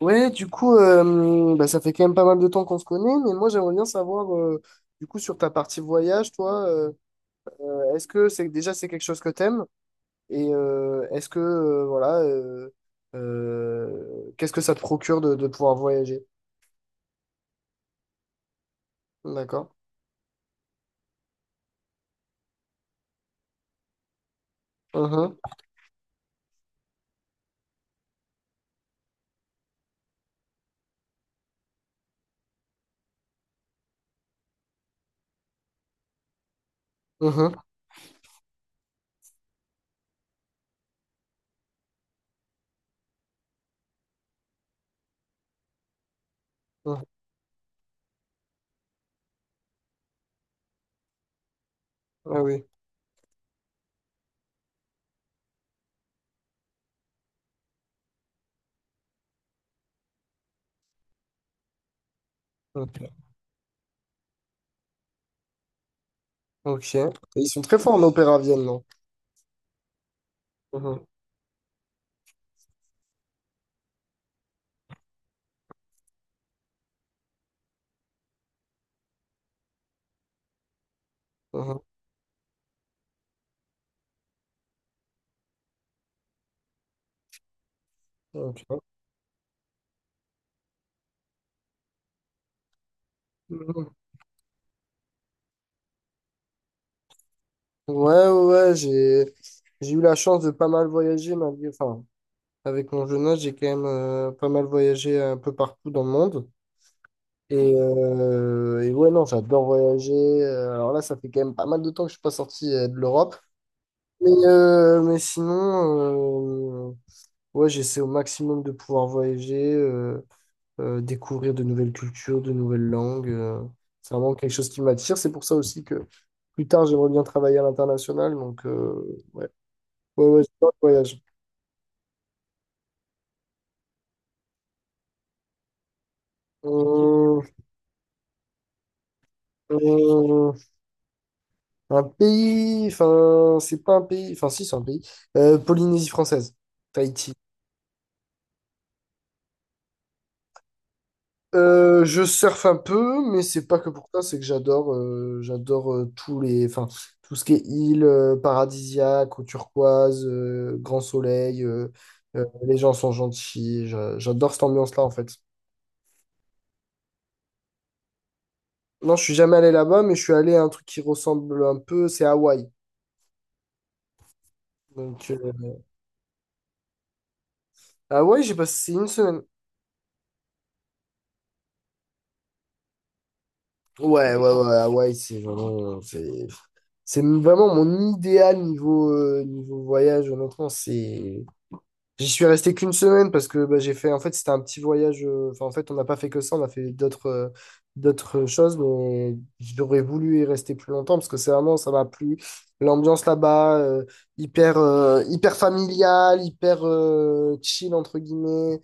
Ouais, du coup, bah, ça fait quand même pas mal de temps qu'on se connaît, mais moi j'aimerais bien savoir, du coup, sur ta partie voyage, toi, est-ce que c'est quelque chose que t'aimes? Et est-ce que, voilà, qu'est-ce que ça te procure de pouvoir voyager? D'accord. Mhm, mhm, mhm. Ah oui. Ok. Ok. Et ils sont très forts en opéra à Vienne, non? Mhm, mhm. Ok. Mhm. Ouais, ouais, ouais, j'ai eu la chance de pas mal voyager malgré, enfin. Avec mon jeune âge, j'ai quand même pas mal voyagé un peu partout dans le monde. Et ouais, non, j'adore voyager. Alors là, ça fait quand même pas mal de temps que je suis pas sorti de l'Europe. Mais sinon, ouais, j'essaie au maximum de pouvoir voyager, découvrir de nouvelles cultures, de nouvelles langues. C'est vraiment quelque chose qui m'attire. C'est pour ça aussi que plus tard, j'aimerais bien travailler à l'international. Donc, ouais, ouais, ouais, j'adore le voyage. Hum, hum. Un pays, enfin, c'est pas un pays, enfin, si, c'est un pays. Polynésie française, Tahiti. Je surfe un peu, mais c'est pas que pour ça, c'est que j'adore tous les, enfin, tout ce qui est île paradisiaque, eau turquoise, grand soleil, les gens sont gentils, j'adore cette ambiance-là en fait. Non, je suis jamais allé là-bas, mais je suis allé à un truc qui ressemble un peu, c'est Hawaï. Donc, Hawaï, j'ai passé une semaine. Ouais, ouais, ouais, Hawaï, c'est vraiment, c'est vraiment mon idéal niveau, niveau voyage, honnêtement. C'est... J'y suis resté qu'une semaine parce que bah, j'ai fait. En fait, c'était un petit voyage. Enfin, en fait, on n'a pas fait que ça, on a fait d'autres d'autres choses, mais j'aurais voulu y rester plus longtemps parce que c'est vraiment, ça m'a plu. L'ambiance là-bas, hyper, hyper familiale, hyper chill, entre guillemets.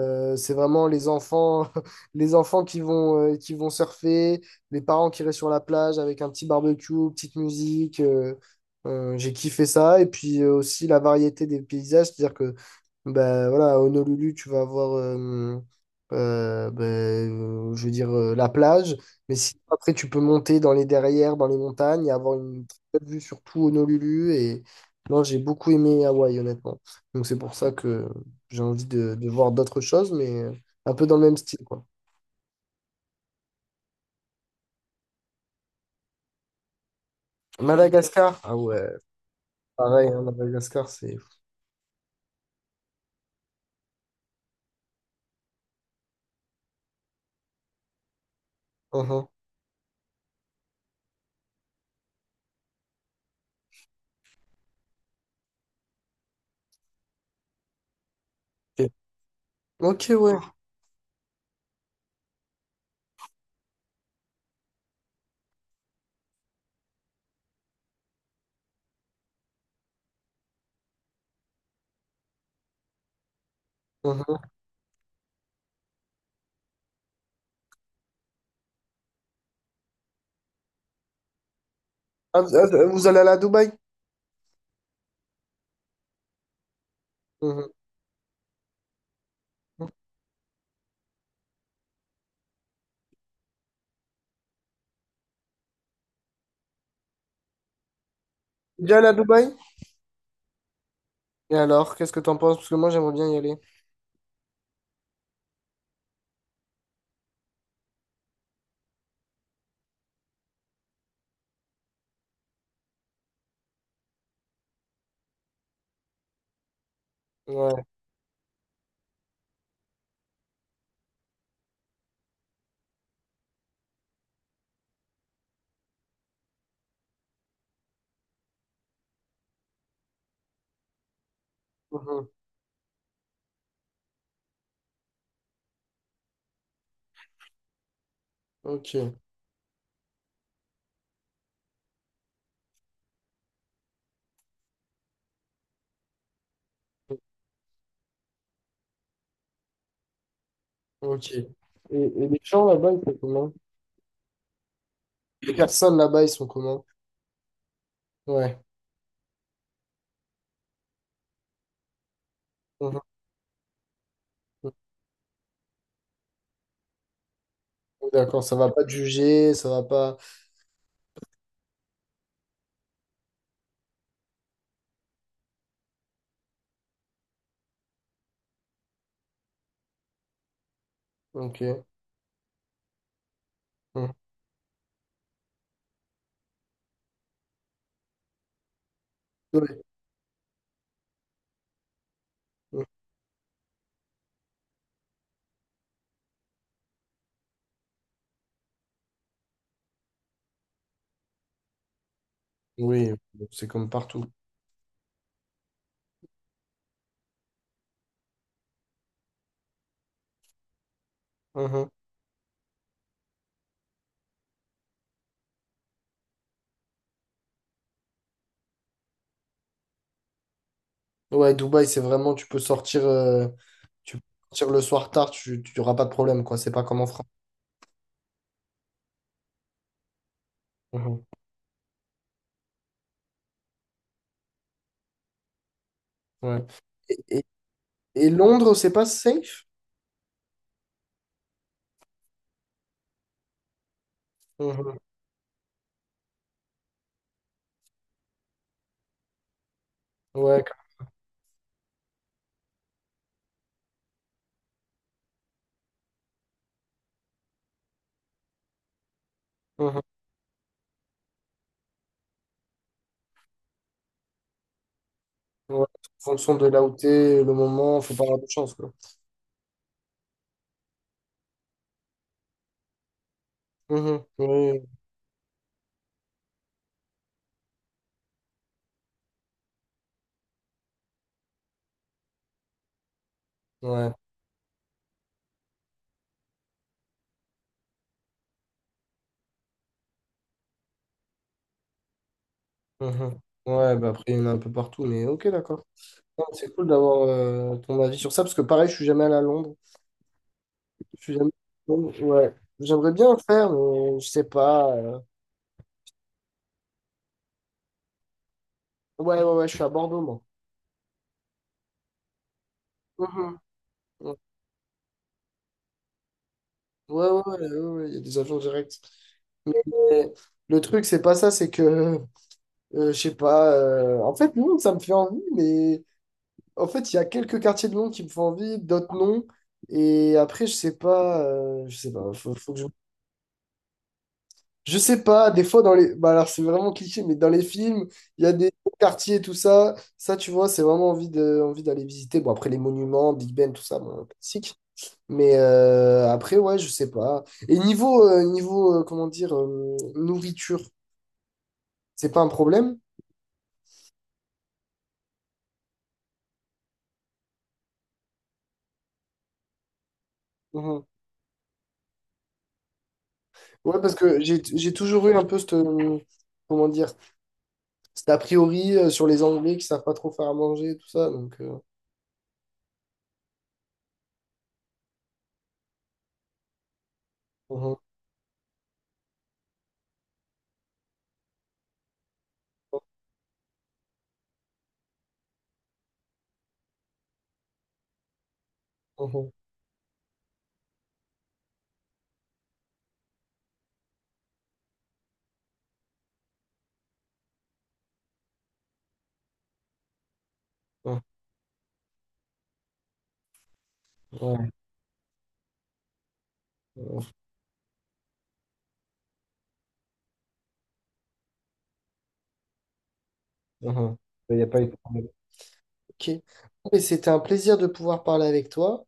C'est vraiment les enfants, les enfants qui vont surfer, les parents qui restent sur la plage avec un petit barbecue, petite musique. J'ai kiffé ça. Et puis aussi la variété des paysages, c'est-à-dire que bah, voilà, à Honolulu, tu vas avoir, bah, je veux dire, la plage. Mais si après, tu peux monter dans les derrières, dans les montagnes et avoir une très belle vue sur tout Honolulu. Et non, j'ai beaucoup aimé Hawaï, honnêtement. Donc c'est pour ça que j'ai envie de voir d'autres choses, mais un peu dans le même style, quoi. Madagascar. Ah ouais, pareil, hein, Madagascar, c'est... Mhm. Ok, ok, ouais. Mhm. Ah, vous allez aller à Dubaï? Mhm. Déjà allé à Dubaï? Et alors, qu'est-ce que t'en penses? Parce que moi, j'aimerais bien y aller. Ouais. Mhm. Ok. Ok. Et les gens là-bas, ils sont comment? Les personnes là-bas, ils sont comment? Ouais. Mhm. D'accord, ça va pas te juger, ça va pas. Ok. Mhm. Oui, mhm. Oui, c'est comme partout. Mhm. Ouais, Dubaï, c'est vraiment, tu peux sortir le soir tard, tu n'auras pas de problème, quoi. C'est pas comme en France. Mhm. Ouais. Et, et- et Londres, c'est pas safe? Mhm. Ouais. Mhm. Ouais. En fonction de là où t'es, le moment, faut pas avoir de chance, quoi. Mhm. Oui. Ouais. Mhm. Ouais, bah après, il y en a un peu partout, mais ok, d'accord. Non, c'est cool d'avoir ton avis sur ça, parce que pareil, je suis jamais allé à Londres. Je suis jamais... allé à Londres, ouais. J'aimerais bien le faire, mais je sais pas. Ouais, ouais, ouais, je suis à Bordeaux, moi. Mhm. Ouais, ouais, ouais, ouais, ouais, il y a des agents directs. Mais euh, le truc, c'est pas ça, c'est que, je sais pas, en fait, Londres, ça me fait envie, mais en fait, il y a quelques quartiers de Londres qui me font envie, d'autres non. Et après, je sais pas, faut que je sais pas, des fois, dans les. Bah, alors, c'est vraiment cliché, mais dans les films, il y a des quartiers, tout ça. Ça, tu vois, c'est vraiment envie de... envie d'aller visiter. Bon, après, les monuments, Big Ben, tout ça, bon, classique. Mais après, ouais, je sais pas. Et niveau, niveau comment dire, nourriture, c'est pas un problème? Mhm. Ouais, parce que j'ai toujours eu un peu cette, comment dire, cet a priori sur les Anglais qui savent pas trop faire à manger et tout ça. Donc, mhm, mhm, mhm, ouais, mhm, mhm. Il n'y a pas eu de problème. Ok. Mais c'était un plaisir de pouvoir parler avec toi.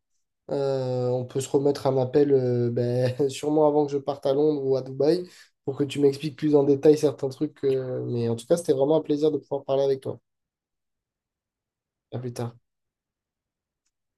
On peut se remettre un appel ben, sûrement avant que je parte à Londres ou à Dubaï pour que tu m'expliques plus en détail certains trucs. Mais en tout cas, c'était vraiment un plaisir de pouvoir parler avec toi. À plus tard.